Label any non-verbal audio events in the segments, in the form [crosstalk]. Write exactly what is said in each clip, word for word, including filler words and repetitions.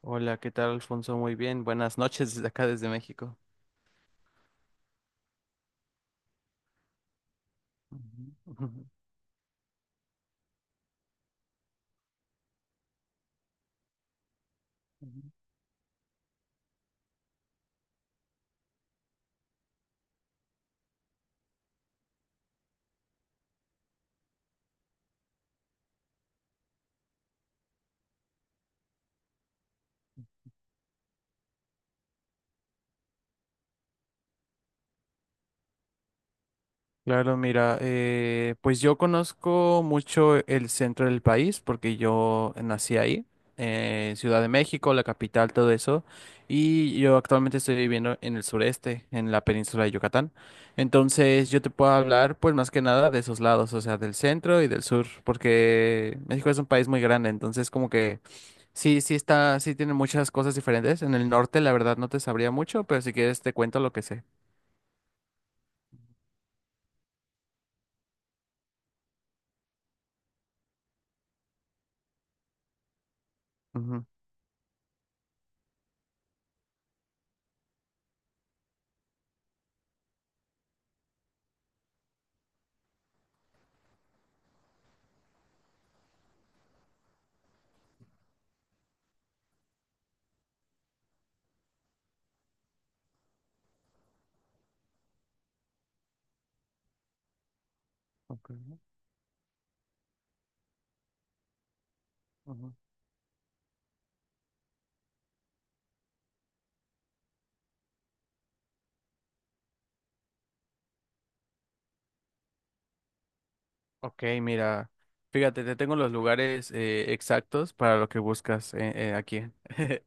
Hola, ¿qué tal, Alfonso? Muy bien. Buenas noches desde acá, desde México. Ujú, ujú. Claro, mira, eh, pues yo conozco mucho el centro del país porque yo nací ahí, eh, Ciudad de México, la capital, todo eso, y yo actualmente estoy viviendo en el sureste, en la península de Yucatán. Entonces yo te puedo hablar pues más que nada de esos lados, o sea, del centro y del sur, porque México es un país muy grande, entonces como que Sí, sí está, sí tiene muchas cosas diferentes. En el norte, la verdad, no te sabría mucho, pero si quieres te cuento lo que sé. Ujú. Ok, ujú. Ok, mira, fíjate, te tengo los lugares eh, exactos para lo que buscas eh, eh, aquí. [laughs]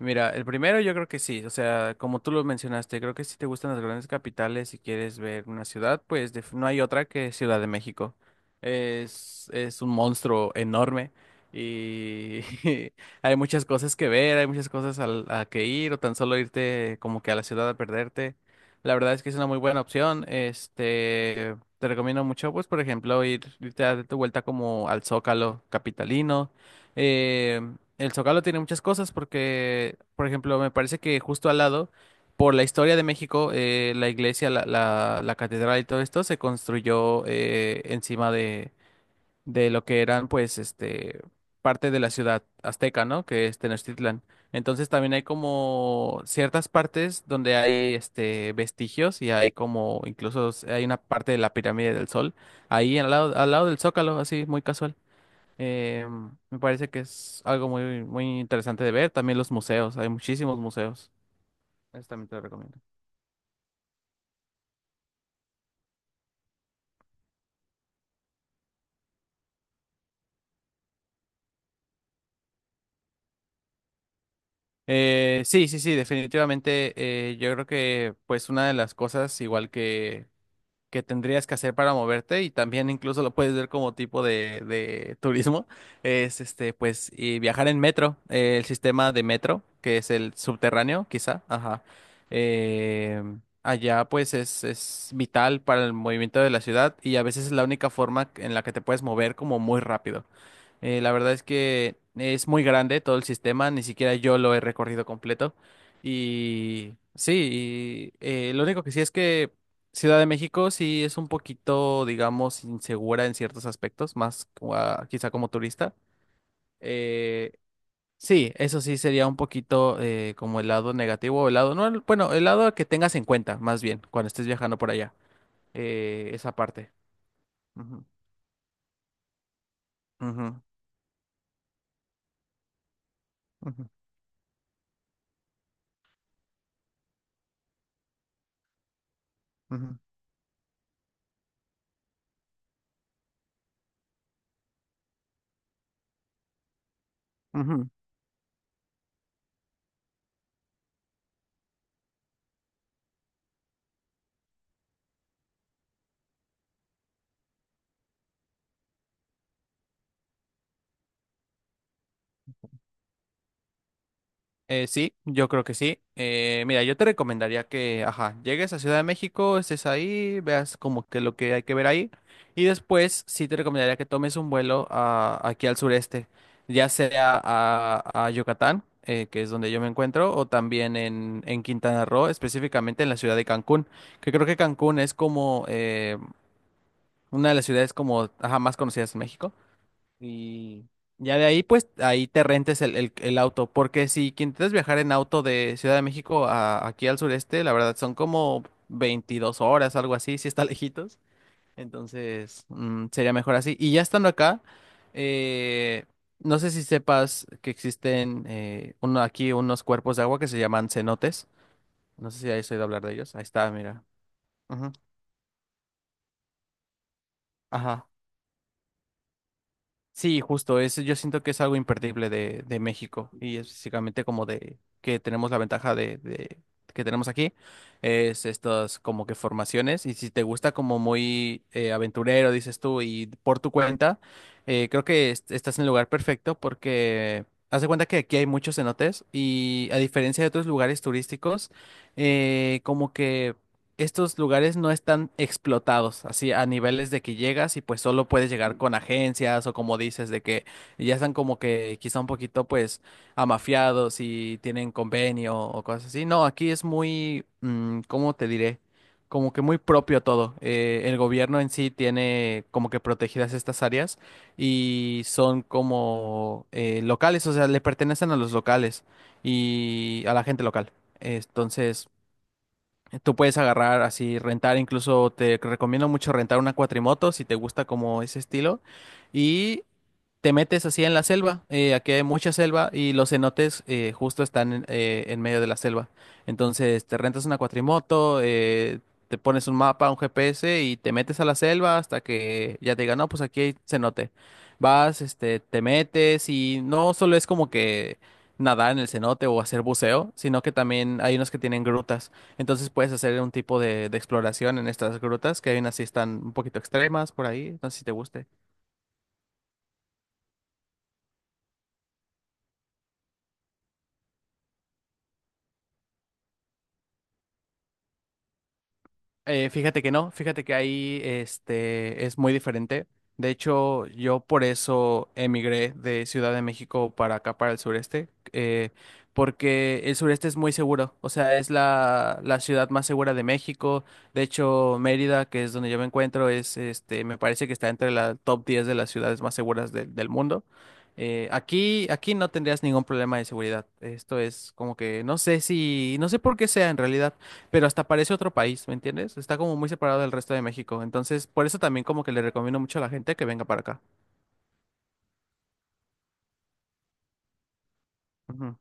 Mira, el primero yo creo que sí, o sea, como tú lo mencionaste, creo que si te gustan las grandes capitales y quieres ver una ciudad, pues def- no hay otra que Ciudad de México. Es, es un monstruo enorme y [laughs] hay muchas cosas que ver, hay muchas cosas al- a que ir o tan solo irte como que a la ciudad a perderte. La verdad es que es una muy buena opción. Este, te recomiendo mucho, pues, por ejemplo, ir, irte a dar tu vuelta como al Zócalo capitalino. Eh, el Zócalo tiene muchas cosas porque, por ejemplo, me parece que justo al lado, por la historia de México, eh, la iglesia, la, la- la catedral y todo esto se construyó eh, encima de, de lo que eran, pues, este, parte de la ciudad azteca, ¿no? Que es Tenochtitlan. Entonces también hay como ciertas partes donde hay, este, vestigios y hay como, incluso hay una parte de la pirámide del Sol ahí al lado, al lado del Zócalo, así, muy casual. Eh, me parece que es algo muy, muy interesante de ver. También los museos, hay muchísimos museos. Eso también te lo recomiendo. Eh, sí, sí, sí, definitivamente. Eh, yo creo que pues una de las cosas, igual que que tendrías que hacer para moverte y también incluso lo puedes ver como tipo de, de turismo, es este, pues, y viajar en metro, eh, el sistema de metro, que es el subterráneo, quizá, ajá. Eh, allá pues es, es vital para el movimiento de la ciudad y a veces es la única forma en la que te puedes mover como muy rápido. Eh, la verdad es que es muy grande todo el sistema, ni siquiera yo lo he recorrido completo. Y sí, y, eh, lo único que sí es que Ciudad de México sí es un poquito, digamos, insegura en ciertos aspectos, más como a- quizá como turista. Eh, sí, eso sí sería un poquito eh, como el lado negativo, o el lado, no, el- bueno, el lado que tengas en cuenta, más bien, cuando estés viajando por allá, eh, esa parte. Ujú, ujú, ujú, ujú, ujú. Eh, sí, yo creo que sí. Eh, mira, yo te recomendaría que, ajá, llegues a Ciudad de México, estés ahí, veas como que lo que hay que ver ahí. Y después sí te recomendaría que tomes un vuelo a- aquí al sureste, ya sea a, a Yucatán, eh, que es donde yo me encuentro, o también en, en Quintana Roo, específicamente en la ciudad de Cancún, que creo que Cancún es como eh, una de las ciudades como, ajá, más conocidas en México. Y ya de ahí, pues, ahí te rentes el, el- el auto. Porque si que intentas viajar en auto de Ciudad de México a, aquí al sureste, la verdad son como veintidós horas, algo así, si está [laughs] lejitos. Entonces, mm, sería mejor así. Y ya estando acá, eh, no sé si sepas que existen eh, uno, aquí unos cuerpos de agua que se llaman cenotes. No sé si has oído hablar de ellos. Ahí está, mira. Ujú. Ajá. Sí, justo, es, yo siento que es algo imperdible de, de México y es básicamente como de que tenemos la ventaja de, de- que tenemos aquí, es estas como que formaciones y si te gusta como muy eh, aventurero, dices tú, y por tu cuenta, eh, creo que est- estás en el lugar perfecto porque haz de cuenta que aquí hay muchos cenotes y a diferencia de otros lugares turísticos, eh, como que estos lugares no están explotados, así a niveles de que llegas y pues solo puedes llegar con agencias o como dices, de que ya están como que quizá un poquito pues amafiados y tienen convenio o cosas así. No, aquí es muy, mm, ¿cómo te diré? Como que muy propio todo. Eh, el gobierno en sí tiene como que protegidas estas áreas y son como eh, locales, o sea, le pertenecen a los locales y a la gente local. Entonces... Tú puedes agarrar así, rentar, incluso te recomiendo mucho rentar una cuatrimoto si te gusta como ese estilo. Y te metes así en la selva. Eh, aquí hay mucha selva y los cenotes eh, justo están en, eh, en medio de la selva. Entonces te rentas una cuatrimoto, eh, te pones un mapa, un G P S y te metes a la selva hasta que ya te digan, no, pues aquí hay cenote. Vas, este, te metes y no solo es como que nadar en el cenote o hacer buceo, sino que también hay unos que tienen grutas. Entonces puedes hacer un tipo de, de exploración en estas grutas, que hay unas sí están un poquito extremas por ahí, no sé si te guste. Eh, fíjate que no, fíjate que ahí este, es muy diferente. De hecho, yo por eso emigré de Ciudad de México para acá, para el sureste, eh, porque el sureste es muy seguro, o sea, es la, la ciudad más segura de México. De hecho, Mérida, que es donde yo me encuentro, es, este, me parece que está entre la top diez de las ciudades más seguras del del mundo. Eh, aquí, aquí no tendrías ningún problema de seguridad. Esto es como que no sé si, no sé por qué sea en realidad pero hasta parece otro país, ¿me entiendes? Está como muy separado del resto de México. Entonces, por eso también como que le recomiendo mucho a la gente que venga para acá. Ujú,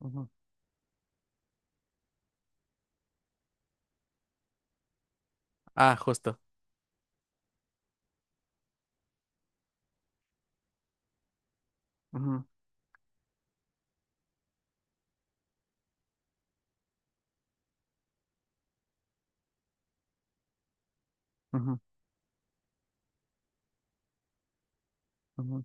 ujú. Ah, justo. Ujú, ujú, ujú.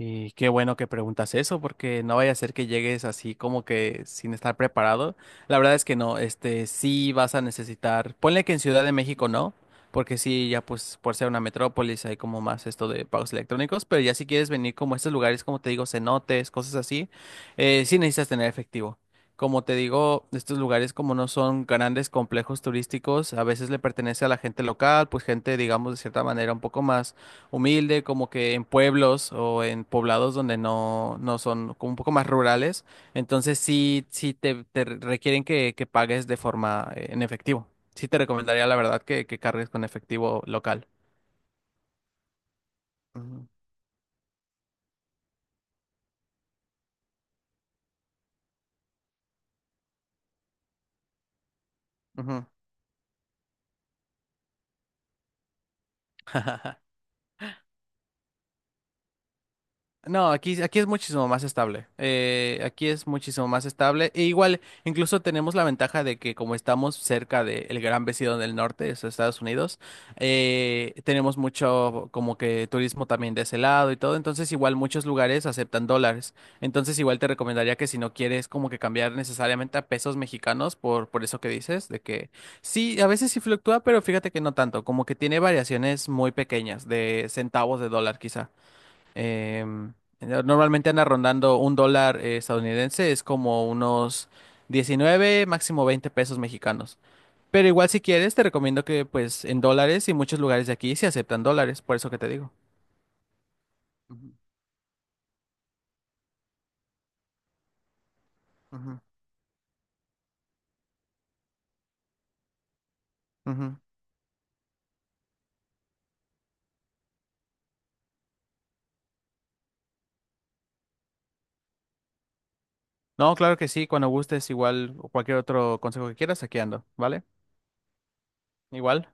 Y qué bueno que preguntas eso, porque no vaya a ser que llegues así como que sin estar preparado. La verdad es que no, este, sí vas a necesitar, ponle que en Ciudad de México no, porque sí, ya pues por ser una metrópolis hay como más esto de pagos electrónicos, pero ya si quieres venir como a estos lugares, como te digo, cenotes, cosas así, eh, sí necesitas tener efectivo. Como te digo, estos lugares como no son grandes complejos turísticos, a veces le pertenece a la gente local, pues gente, digamos, de cierta manera un poco más humilde, como que en pueblos o en poblados donde no, no son como un poco más rurales. Entonces sí, sí te, te requieren que, que pagues de forma eh, en efectivo. Sí te recomendaría la verdad que, que cargues con efectivo local. Ujú, ujú. [laughs] No, aquí, aquí es muchísimo más estable. Eh, aquí es muchísimo más estable. E igual, incluso tenemos la ventaja de que como estamos cerca del gran vecino del norte, es Estados Unidos, eh, tenemos mucho como que turismo también de ese lado y todo. Entonces, igual muchos lugares aceptan dólares. Entonces, igual te recomendaría que si no quieres como que cambiar necesariamente a pesos mexicanos por, por eso que dices, de que sí, a veces sí fluctúa, pero fíjate que no tanto, como que tiene variaciones muy pequeñas de centavos de dólar quizá. Em, no- normalmente anda rondando un dólar eh, estadounidense, es como unos diecinueve máximo veinte pesos mexicanos. Pero igual si quieres, te recomiendo que pues en dólares y muchos lugares de aquí se aceptan dólares, por eso que te digo. Ujú, ujú. Ujú. No, claro que sí, cuando gustes, igual o cualquier otro consejo que quieras, aquí ando, ¿vale? Igual.